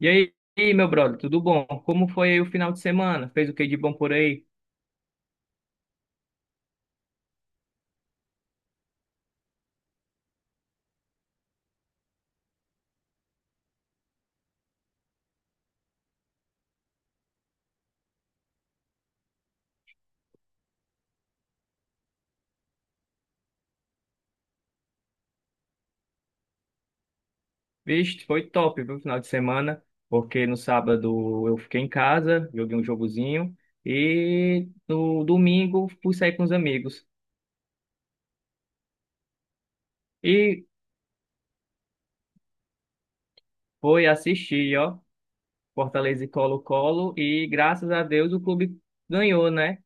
E aí, meu brother, tudo bom? Como foi aí o final de semana? Fez o que de bom por aí? Vixe, foi top, viu, o final de semana, porque no sábado eu fiquei em casa, joguei um jogozinho, e no domingo fui sair com os amigos. E foi assistir, ó, Fortaleza e Colo-Colo, e graças a Deus o clube ganhou, né?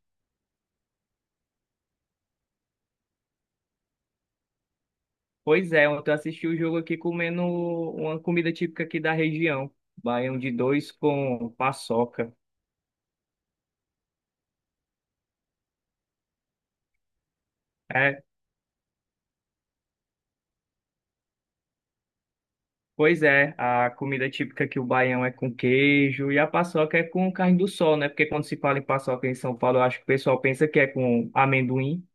Pois é, ontem eu assisti o jogo aqui comendo uma comida típica aqui da região, baião de dois com paçoca. É, pois é, a comida típica aqui, o baião é com queijo e a paçoca é com carne do sol, né? Porque quando se fala em paçoca em São Paulo, eu acho que o pessoal pensa que é com amendoim.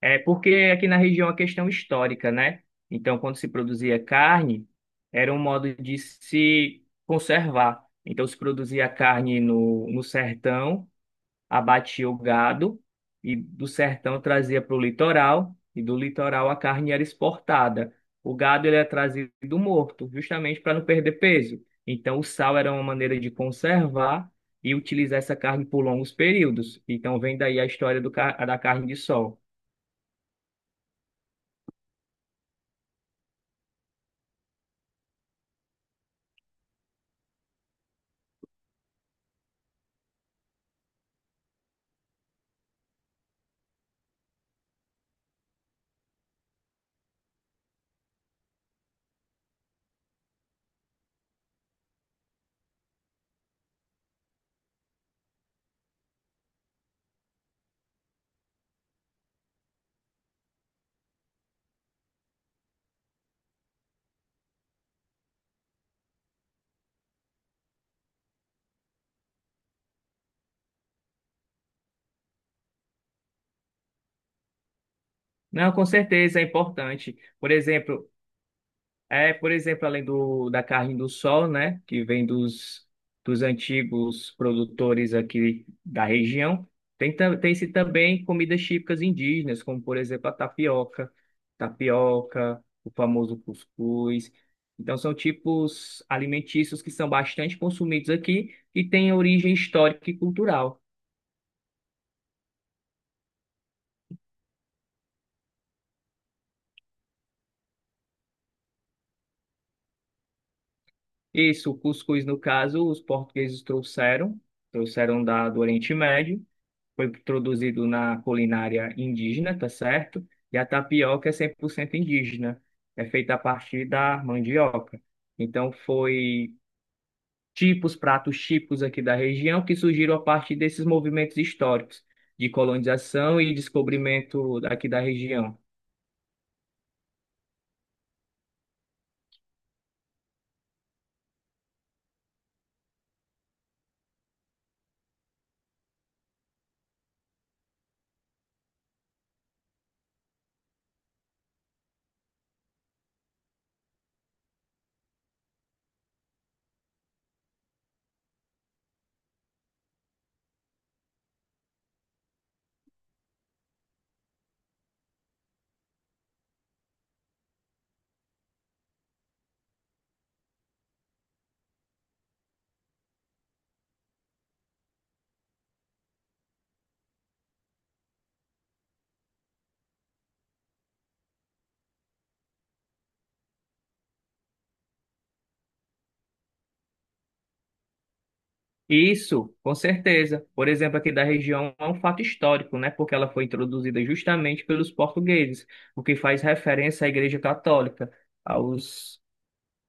É porque aqui na região é uma questão histórica, né? Então, quando se produzia carne, era um modo de se conservar. Então, se produzia carne no sertão, abatia o gado e do sertão trazia para o litoral e do litoral a carne era exportada. O gado ele era trazido morto, justamente para não perder peso. Então o sal era uma maneira de conservar e utilizar essa carne por longos períodos. Então vem daí a história da carne de sol. Não, com certeza é importante. Por exemplo, é, por exemplo, da carne do sol, né, que vem dos antigos produtores aqui da região, tem-se também comidas típicas indígenas, como, por exemplo, a tapioca, tapioca, o famoso cuscuz. Então, são tipos alimentícios que são bastante consumidos aqui e têm origem histórica e cultural. Isso, o cuscuz, no caso, os portugueses trouxeram, trouxeram do Oriente Médio, foi introduzido na culinária indígena, tá certo? E a tapioca é 100% indígena, é feita a partir da mandioca. Então, foi tipos, pratos típicos aqui da região que surgiram a partir desses movimentos históricos de colonização e descobrimento aqui da região. Isso, com certeza. Por exemplo, aqui da região é um fato histórico, né? Porque ela foi introduzida justamente pelos portugueses, o que faz referência à Igreja Católica, aos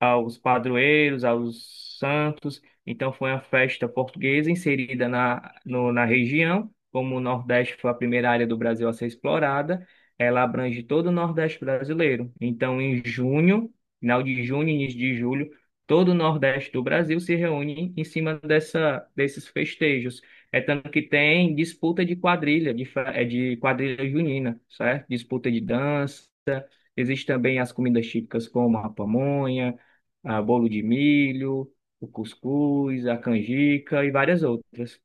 aos padroeiros, aos santos. Então foi uma festa portuguesa inserida na, no- na região. Como o Nordeste foi a primeira área do Brasil a ser explorada, ela abrange todo o Nordeste brasileiro. Então, em junho, final de junho, início de julho, todo o Nordeste do Brasil se reúne em cima dessa, desses festejos. É tanto que tem disputa de quadrilha, é de quadrilha junina, certo? Disputa de dança. Existem também as comidas típicas como a pamonha, a bolo de milho, o cuscuz, a canjica e várias outras.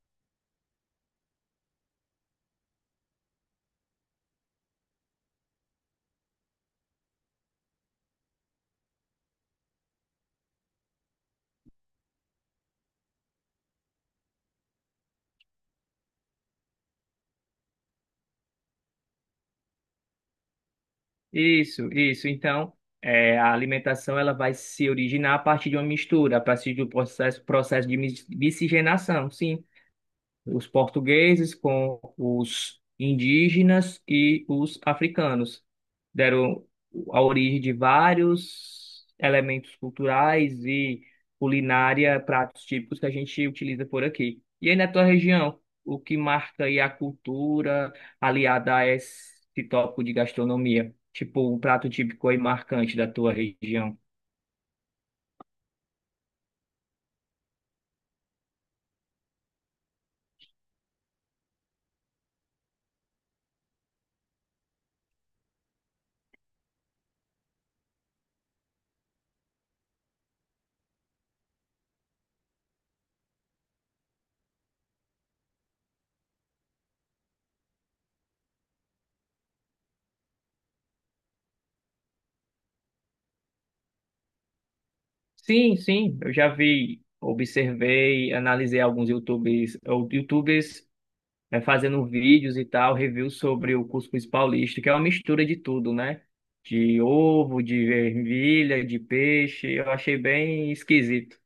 Isso, isso. Então, é, a alimentação ela vai se originar a partir de uma mistura, a partir do processo de miscigenação, sim. Os portugueses com os indígenas e os africanos deram a origem de vários elementos culturais e culinária, pratos típicos que a gente utiliza por aqui. E aí na tua região, o que marca aí a cultura aliada a esse tópico de gastronomia? Tipo, um prato típico aí marcante da tua região? Sim, sim, eu já vi, observei, analisei alguns YouTubers, é, fazendo vídeos e tal, review sobre o cuscuz paulista, que é uma mistura de tudo, né? De ovo, de ervilha, de peixe. Eu achei bem esquisito.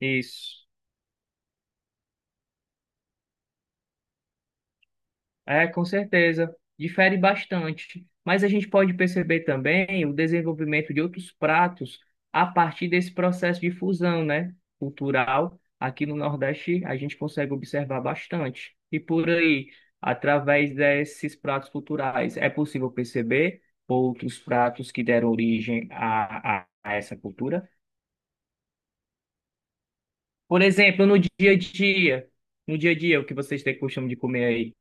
Isso. É, com certeza. Difere bastante. Mas a gente pode perceber também o desenvolvimento de outros pratos a partir desse processo de fusão, né, cultural. Aqui no Nordeste, a gente consegue observar bastante. E por aí, através desses pratos culturais, é possível perceber outros pratos que deram origem a essa cultura. Por exemplo, no dia a dia, o que vocês têm costume de comer aí?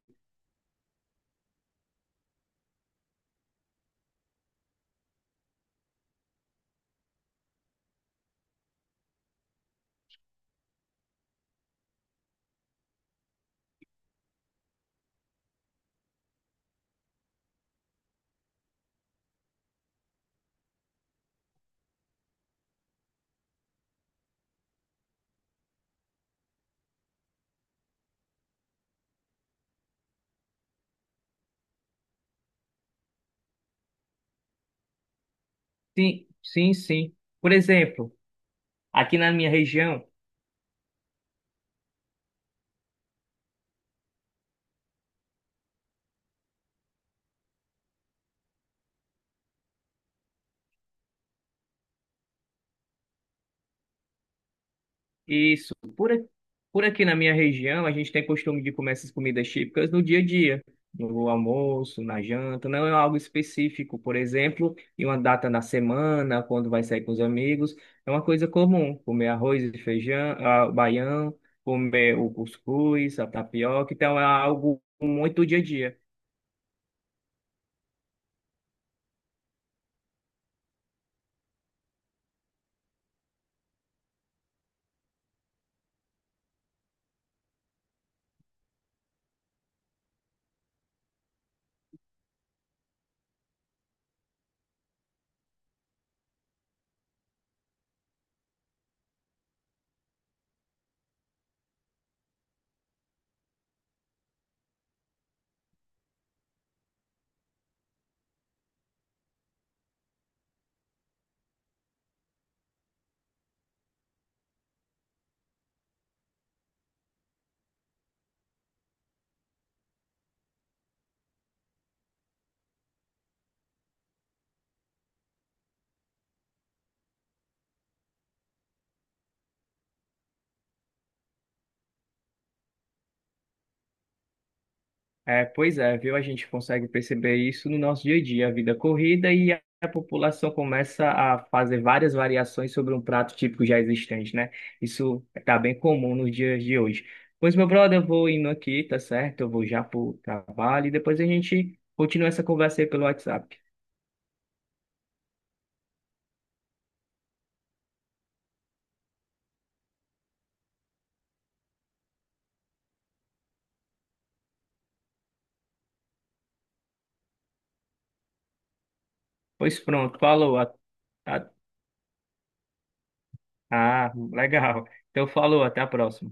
Sim, sim, sim. Por exemplo, Aqui na minha região, isso, por, a- por aqui na minha região, a gente tem costume de comer essas comidas típicas no dia a dia, no almoço, na janta, não é algo específico, por exemplo, em uma data na semana. Quando vai sair com os amigos, é uma coisa comum, comer arroz e feijão, ah, baião, comer o cuscuz, a tapioca, então é algo muito dia a dia. É, pois é, viu? A gente consegue perceber isso no nosso dia a dia, a vida corrida, e a população começa a fazer várias variações sobre um prato típico já existente, né? Isso está bem comum nos dias de hoje. Pois, meu brother, eu vou indo aqui, tá certo? Eu vou já pro trabalho e depois a gente continua essa conversa aí pelo WhatsApp. Pois pronto, falou. A- Ah, legal. Então falou, até a próxima.